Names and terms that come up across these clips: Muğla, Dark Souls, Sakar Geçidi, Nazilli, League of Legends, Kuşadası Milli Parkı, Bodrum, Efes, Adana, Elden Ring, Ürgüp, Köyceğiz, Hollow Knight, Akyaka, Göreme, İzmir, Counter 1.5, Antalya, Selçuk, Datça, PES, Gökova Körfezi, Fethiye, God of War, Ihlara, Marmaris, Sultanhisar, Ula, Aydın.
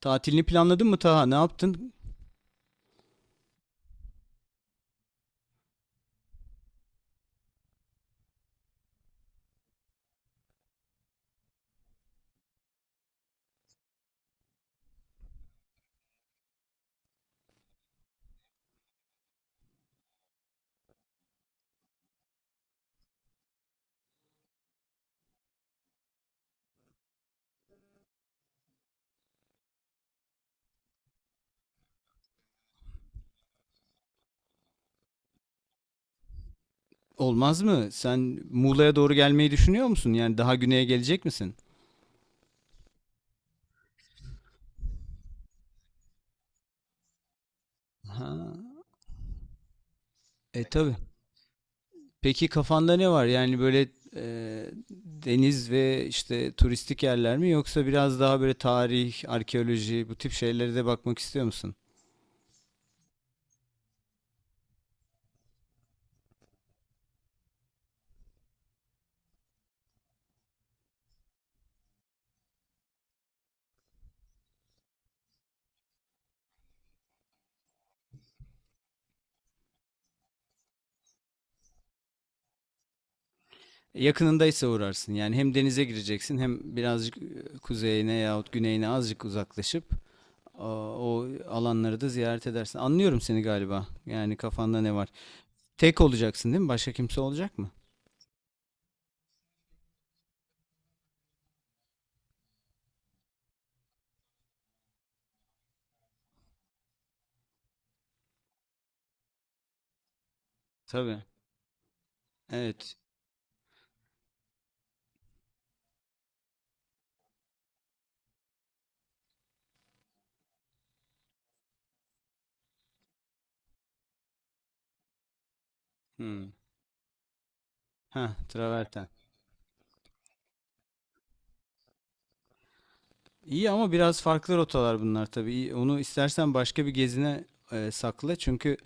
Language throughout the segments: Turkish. Tatilini planladın mı Taha? Ne yaptın? Olmaz mı? Sen Muğla'ya doğru gelmeyi düşünüyor musun? Yani daha güneye gelecek misin? Ha, tabii. Peki kafanda ne var? Yani böyle e, deniz ve işte turistik yerler mi, yoksa biraz daha böyle tarih, arkeoloji, bu tip şeylere de bakmak istiyor musun? Yakınındaysa uğrarsın. Yani hem denize gireceksin hem birazcık kuzeyine yahut güneyine azıcık uzaklaşıp a, o alanları da ziyaret edersin. Anlıyorum seni galiba. Yani kafanda ne var? Tek olacaksın değil mi? Başka kimse olacak mı? Tabii. Evet. Hmm. Ha, traverten. İyi ama biraz farklı rotalar bunlar tabii. İyi, onu istersen başka bir gezine sakla. Çünkü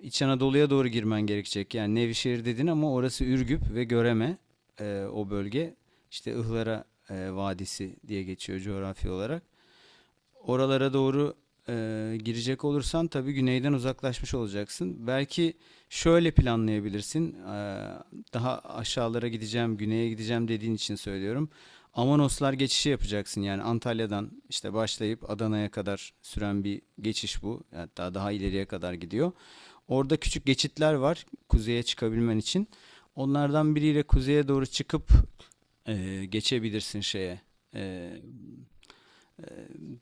İç Anadolu'ya doğru girmen gerekecek. Yani Nevşehir dedin ama orası Ürgüp ve Göreme, o bölge. İşte Ihlara Vadisi diye geçiyor coğrafi olarak. Oralara doğru e, girecek olursan tabii güneyden uzaklaşmış olacaksın. Belki şöyle planlayabilirsin. Daha aşağılara gideceğim, güneye gideceğim dediğin için söylüyorum. Amanoslar geçişi yapacaksın, yani Antalya'dan işte başlayıp Adana'ya kadar süren bir geçiş bu. Hatta daha ileriye kadar gidiyor. Orada küçük geçitler var kuzeye çıkabilmen için. Onlardan biriyle kuzeye doğru çıkıp geçebilirsin şeye. E,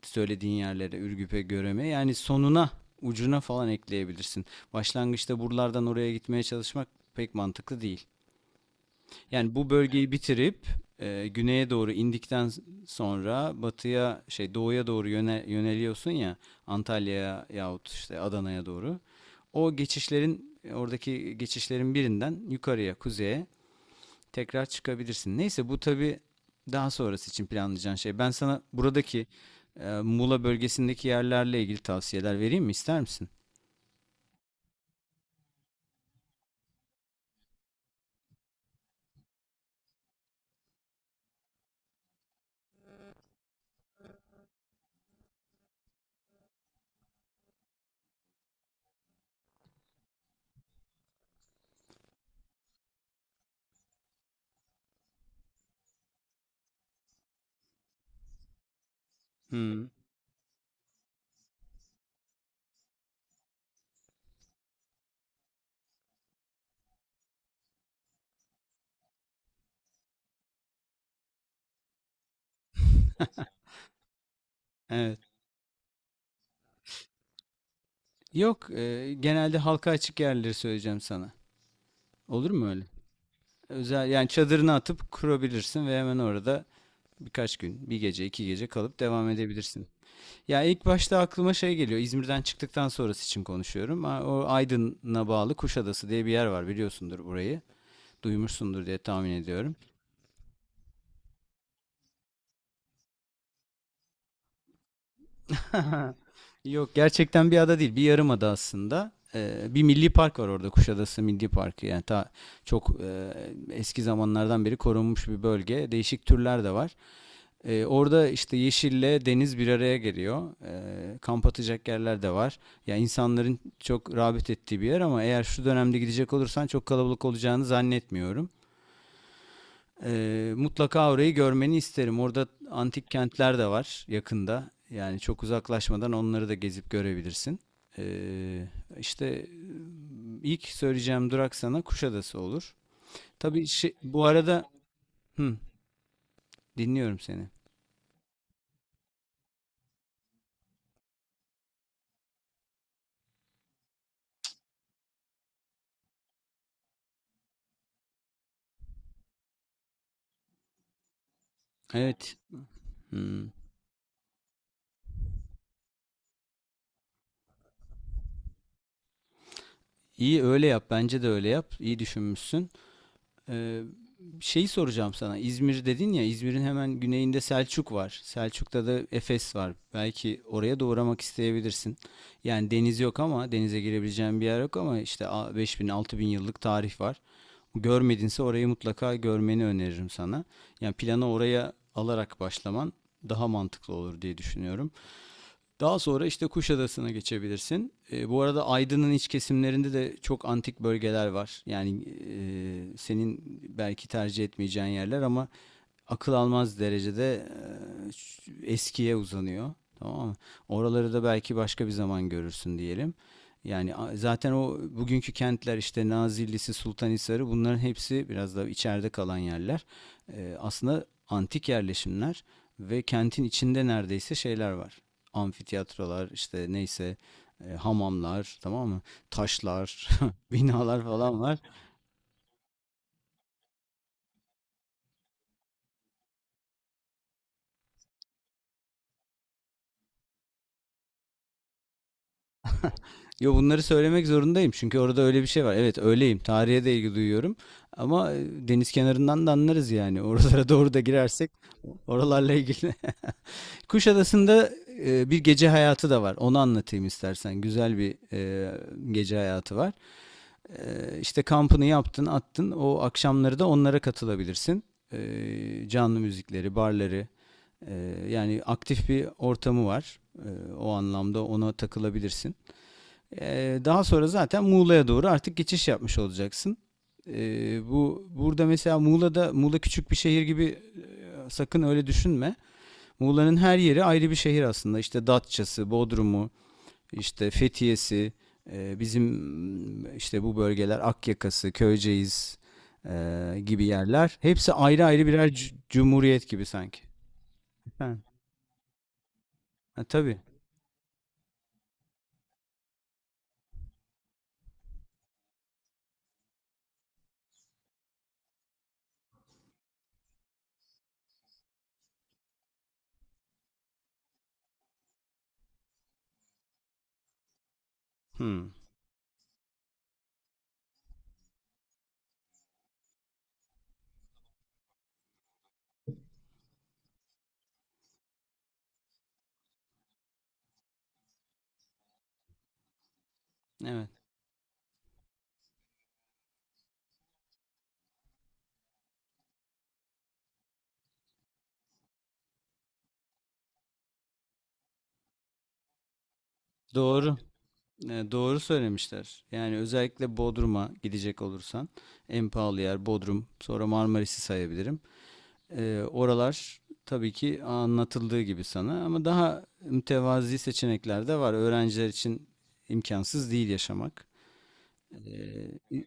Söylediğin yerlere Ürgüp'e Görem'e, yani sonuna ucuna falan ekleyebilirsin. Başlangıçta buralardan oraya gitmeye çalışmak pek mantıklı değil. Yani bu bölgeyi bitirip güneye doğru indikten sonra batıya şey doğuya doğru yöneliyorsun ya, Antalya'ya yahut işte Adana'ya doğru. O geçişlerin, oradaki geçişlerin birinden yukarıya kuzeye tekrar çıkabilirsin. Neyse, bu tabii daha sonrası için planlayacağın şey. Ben sana buradaki Muğla bölgesindeki yerlerle ilgili tavsiyeler vereyim mi? İster misin? Hmm, evet. Yok, genelde halka açık yerleri söyleyeceğim sana. Olur mu öyle? Özel, yani çadırını atıp kurabilirsin ve hemen orada birkaç gün, bir gece, iki gece kalıp devam edebilirsin. Ya ilk başta aklıma şey geliyor. İzmir'den çıktıktan sonrası için konuşuyorum. O Aydın'a bağlı Kuşadası diye bir yer var, biliyorsundur burayı. Duymuşsundur diye tahmin ediyorum. Yok, gerçekten bir ada değil, bir yarım ada aslında. Bir milli park var orada, Kuşadası Milli Parkı, yani ta çok eski zamanlardan beri korunmuş bir bölge. Değişik türler de var. Orada işte yeşille deniz bir araya geliyor. Kamp atacak yerler de var. Ya insanların çok rağbet ettiği bir yer ama eğer şu dönemde gidecek olursan çok kalabalık olacağını zannetmiyorum. Mutlaka orayı görmeni isterim. Orada antik kentler de var yakında. Yani çok uzaklaşmadan onları da gezip görebilirsin. Ee, işte ilk söyleyeceğim durak sana Kuşadası olur. Tabii şey, bu arada hı, dinliyorum seni. Evet. Hı. İyi, öyle yap. Bence de öyle yap. İyi düşünmüşsün. Ee, Şeyi soracağım sana. İzmir dedin ya, İzmir'in hemen güneyinde Selçuk var. Selçuk'ta da Efes var. Belki oraya da uğramak isteyebilirsin. Yani deniz yok, ama denize girebileceğin bir yer yok ama işte 5000 bin altı bin yıllık tarih var. Görmedinse orayı mutlaka görmeni öneririm sana. Yani plana oraya alarak başlaman daha mantıklı olur diye düşünüyorum. Daha sonra işte Kuşadası'na geçebilirsin. E, bu arada Aydın'ın iç kesimlerinde de çok antik bölgeler var. Yani senin belki tercih etmeyeceğin yerler ama akıl almaz derecede e, eskiye uzanıyor. Tamam mı? Oraları da belki başka bir zaman görürsün diyelim. Yani zaten o bugünkü kentler işte Nazilli'si, Sultanhisar'ı, bunların hepsi biraz da içeride kalan yerler. Aslında antik yerleşimler ve kentin içinde neredeyse şeyler var. Amfiteyatrolar işte, neyse, hamamlar, tamam mı? Taşlar, binalar falan var. Yo, bunları söylemek zorundayım çünkü orada öyle bir şey var. Evet, öyleyim. Tarihe de ilgi duyuyorum. Ama deniz kenarından da anlarız yani. Oralara doğru da girersek oralarla ilgili. Kuşadası'nda bir gece hayatı da var. Onu anlatayım istersen. Güzel bir gece hayatı var. E, işte kampını yaptın, attın. O akşamları da onlara katılabilirsin. E, canlı müzikleri, barları. e, Yani aktif bir ortamı var. E, o anlamda ona takılabilirsin. Daha sonra zaten Muğla'ya doğru artık geçiş yapmış olacaksın. Bu burada mesela Muğla'da, Muğla küçük bir şehir gibi, sakın öyle düşünme. Muğla'nın her yeri ayrı bir şehir aslında. İşte Datça'sı, Bodrum'u, işte Fethiye'si, bizim işte bu bölgeler Akyaka'sı, Köyceğiz gibi yerler. Hepsi ayrı ayrı birer cumhuriyet gibi sanki. Efendim? Ha, tabii. Hmm, evet. Doğru. E, doğru söylemişler. Yani özellikle Bodrum'a gidecek olursan en pahalı yer Bodrum. Sonra Marmaris'i sayabilirim. E, oralar tabii ki anlatıldığı gibi sana, ama daha mütevazi seçenekler de var. Öğrenciler için imkansız değil yaşamak. E,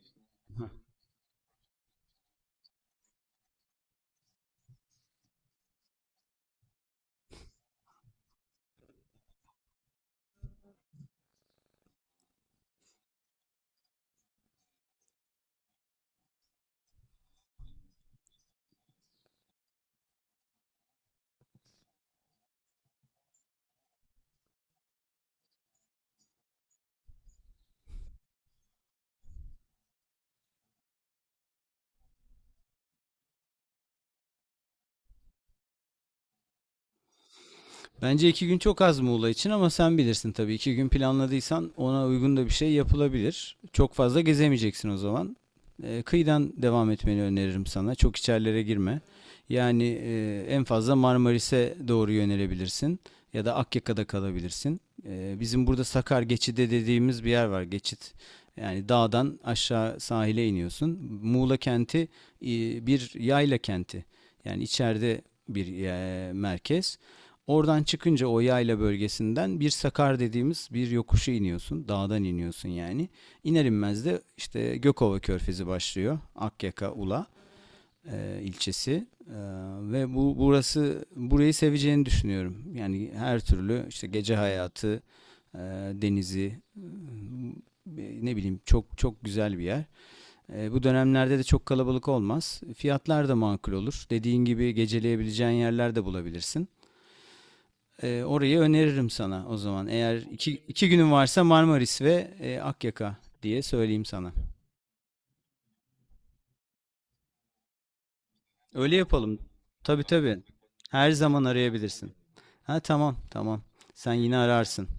bence iki gün çok az Muğla için ama sen bilirsin tabii. İki gün planladıysan ona uygun da bir şey yapılabilir. Çok fazla gezemeyeceksin o zaman. Kıyıdan devam etmeni öneririm sana. Çok içerilere girme. Yani en fazla Marmaris'e doğru yönelebilirsin. Ya da Akyaka'da kalabilirsin. Bizim burada Sakar Geçidi dediğimiz bir yer var. Geçit. Yani dağdan aşağı sahile iniyorsun. Muğla kenti e, bir yayla kenti. Yani içeride bir merkez. Oradan çıkınca o yayla bölgesinden bir sakar dediğimiz bir yokuşa iniyorsun. Dağdan iniyorsun yani. İner inmez de işte Gökova Körfezi başlıyor. Akyaka Ula ilçesi. E, ve burası, burayı seveceğini düşünüyorum. Yani her türlü işte gece hayatı, e, denizi, ne bileyim, çok çok güzel bir yer. E, bu dönemlerde de çok kalabalık olmaz. Fiyatlar da makul olur. Dediğin gibi geceleyebileceğin yerler de bulabilirsin. Orayı öneririm sana o zaman. Eğer iki günün varsa Marmaris ve Akyaka diye söyleyeyim sana. Öyle yapalım. Tabii tabii. Her zaman arayabilirsin. Ha, tamam tamam. Sen yine ararsın.